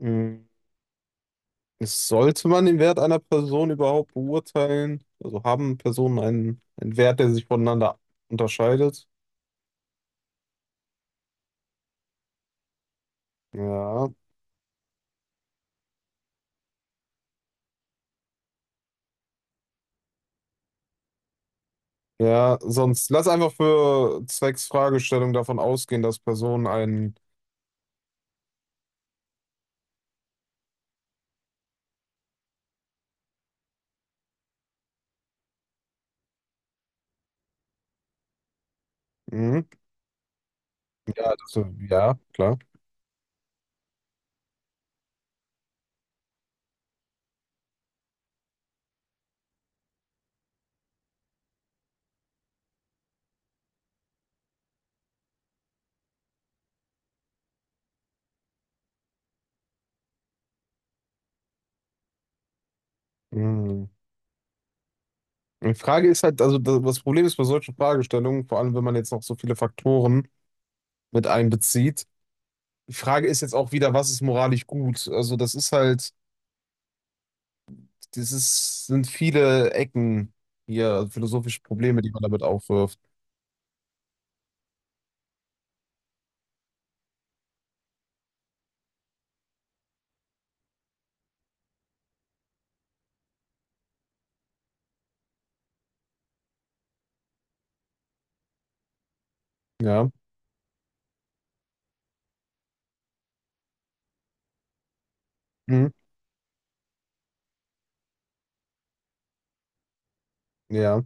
Mm, Sollte man den Wert einer Person überhaupt beurteilen? Also haben Personen einen Wert, der sich voneinander unterscheidet? Ja. Ja, sonst lass einfach für zwecks Fragestellung davon ausgehen, dass Personen einen. Mhm. Ja, ja, klar. Mhm. Die Frage ist halt, also das Problem ist bei solchen Fragestellungen, vor allem wenn man jetzt noch so viele Faktoren mit einbezieht, die Frage ist jetzt auch wieder, was ist moralisch gut? Also das ist halt. Das sind viele Ecken hier, also philosophische Probleme, die man damit aufwirft. Ja. Mhm. Ja.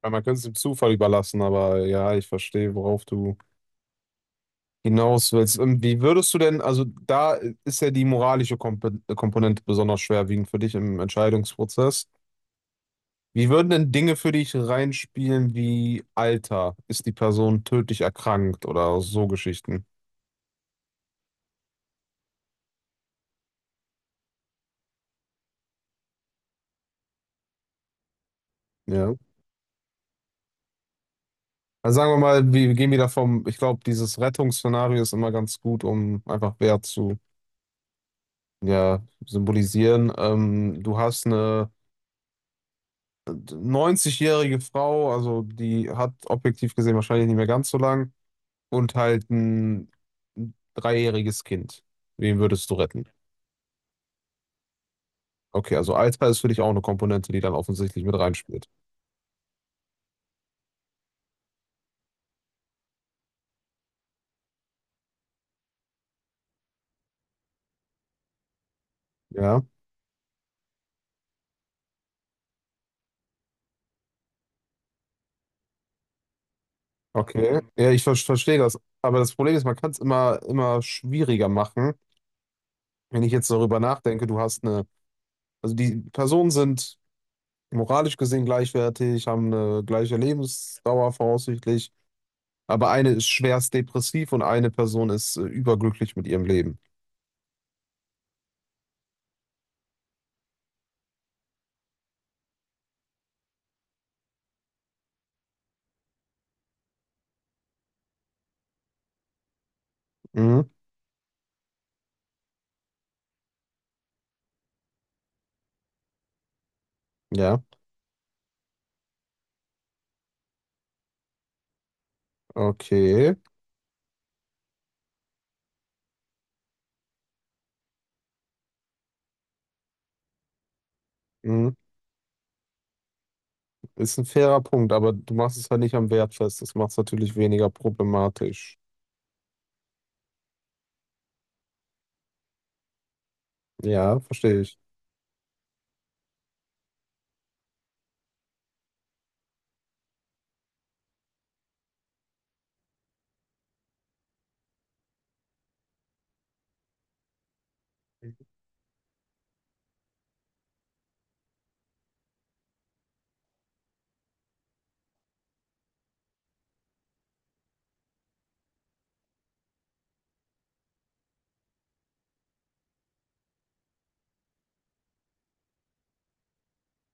Weil man könnte es dem Zufall überlassen, aber ja, ich verstehe, worauf du hinaus willst. Und wie würdest du denn, also da ist ja die moralische Komponente besonders schwerwiegend für dich im Entscheidungsprozess. Wie würden denn Dinge für dich reinspielen wie Alter? Ist die Person tödlich erkrankt oder so Geschichten? Ja. Also sagen wir mal, wir gehen wieder vom, ich glaube, dieses Rettungsszenario ist immer ganz gut, um einfach Wert zu, ja, symbolisieren. Du hast eine 90-jährige Frau, also die hat objektiv gesehen wahrscheinlich nicht mehr ganz so lang, und halt ein dreijähriges Kind. Wen würdest du retten? Okay, also Alter ist für dich auch eine Komponente, die dann offensichtlich mit reinspielt. Ja, okay. Ja, ich verstehe das. Aber das Problem ist, man kann es immer, immer schwieriger machen. Wenn ich jetzt darüber nachdenke, du hast eine Also die Personen sind moralisch gesehen gleichwertig, haben eine gleiche Lebensdauer voraussichtlich, aber eine ist schwerst depressiv und eine Person ist überglücklich mit ihrem Leben. Mhm. Ja, okay. Mhm. Ist ein fairer Punkt, aber du machst es halt nicht am Wert fest. Das macht es natürlich weniger problematisch. Ja, verstehe ich.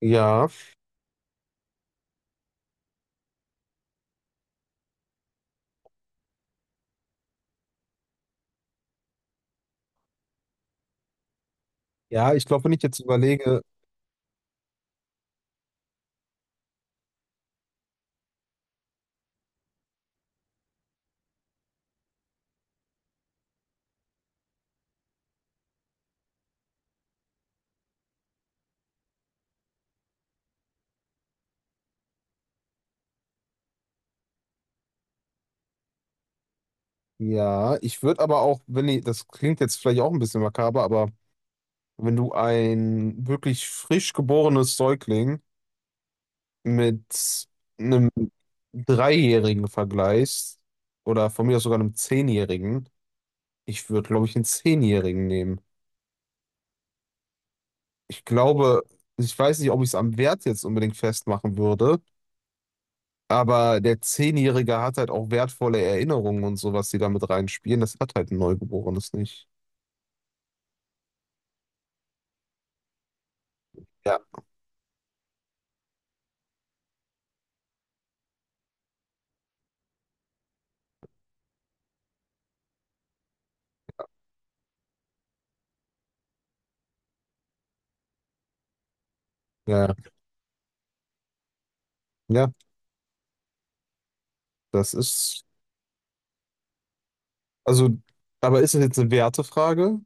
Ja, ja, ich glaube, wenn ich jetzt überlege, ja, ich würde aber auch, wenn ich, das klingt jetzt vielleicht auch ein bisschen makaber, aber wenn du ein wirklich frisch geborenes Säugling mit einem Dreijährigen vergleichst, oder von mir aus sogar einem Zehnjährigen, ich würde, glaube ich, einen Zehnjährigen nehmen. Ich glaube, ich weiß nicht, ob ich es am Wert jetzt unbedingt festmachen würde, aber der Zehnjährige hat halt auch wertvolle Erinnerungen und sowas, die damit reinspielen. Das hat halt ein Neugeborenes nicht. Ja. Ja, ja, das ist, also, aber ist es jetzt eine Wertefrage?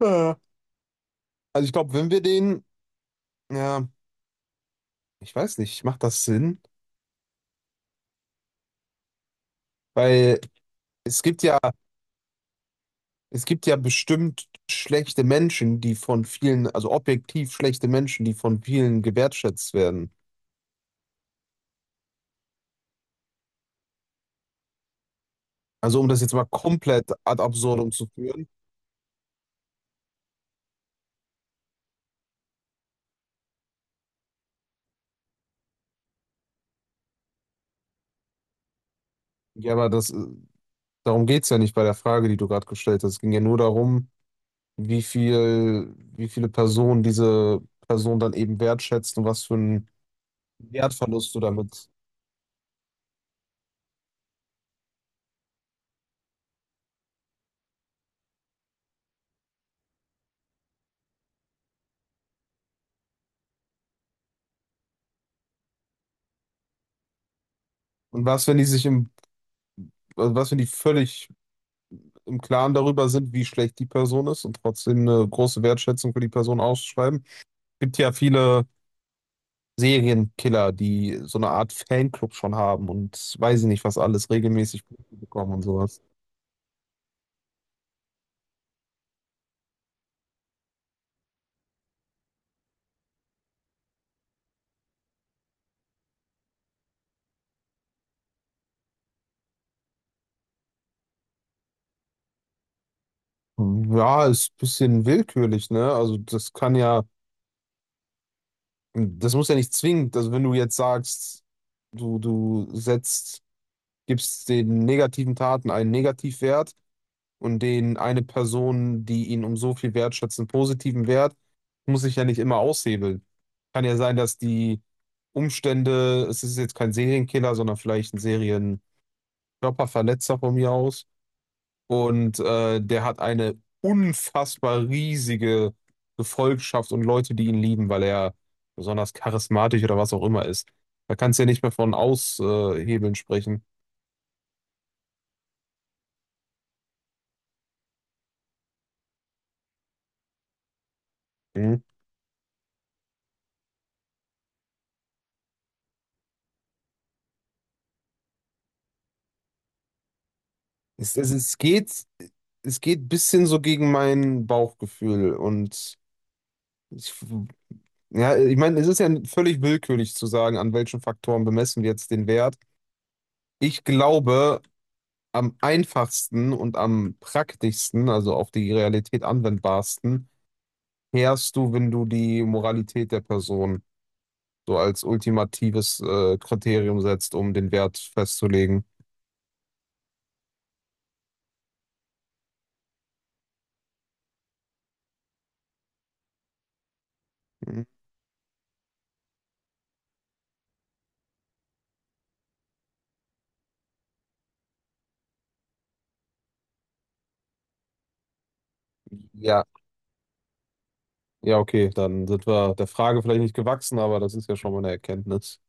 Ja. Also ich glaube, wenn wir den, ja, ich weiß nicht, macht das Sinn? Weil Es gibt ja, es gibt ja bestimmt schlechte Menschen, die von vielen, also objektiv schlechte Menschen, die von vielen gewertschätzt werden. Also um das jetzt mal komplett ad absurdum zu führen. Ja, aber darum geht es ja nicht bei der Frage, die du gerade gestellt hast. Es ging ja nur darum, wie viele Personen diese Person dann eben wertschätzt und was für einen Wertverlust du damit. Und was, wenn die völlig im Klaren darüber sind, wie schlecht die Person ist und trotzdem eine große Wertschätzung für die Person ausschreiben. Gibt ja viele Serienkiller, die so eine Art Fanclub schon haben und weiß ich nicht, was alles regelmäßig Punkte bekommen und sowas. Ja, ist ein bisschen willkürlich, ne? Also das kann ja, das muss ja nicht zwingend, also wenn du jetzt sagst, du setzt, gibst den negativen Taten einen Negativwert, und den eine Person, die ihn um so viel wertschätzt, einen positiven Wert, muss ich ja nicht immer aushebeln. Kann ja sein, dass die Umstände, es ist jetzt kein Serienkiller, sondern vielleicht ein Serienkörperverletzer von mir aus. Und der hat eine unfassbar riesige Gefolgschaft und Leute, die ihn lieben, weil er besonders charismatisch oder was auch immer ist. Da kannst du ja nicht mehr von Aushebeln sprechen. Mhm. Es, es, es geht, es geht ein bisschen so gegen mein Bauchgefühl und ich, ja, ich meine, es ist ja völlig willkürlich zu sagen, an welchen Faktoren bemessen wir jetzt den Wert. Ich glaube, am einfachsten und am praktischsten, also auf die Realität anwendbarsten, fährst du, wenn du die Moralität der Person so als ultimatives Kriterium setzt, um den Wert festzulegen. Mhm. Ja, ja, okay, dann sind wir der Frage vielleicht nicht gewachsen, aber das ist ja schon mal eine Erkenntnis.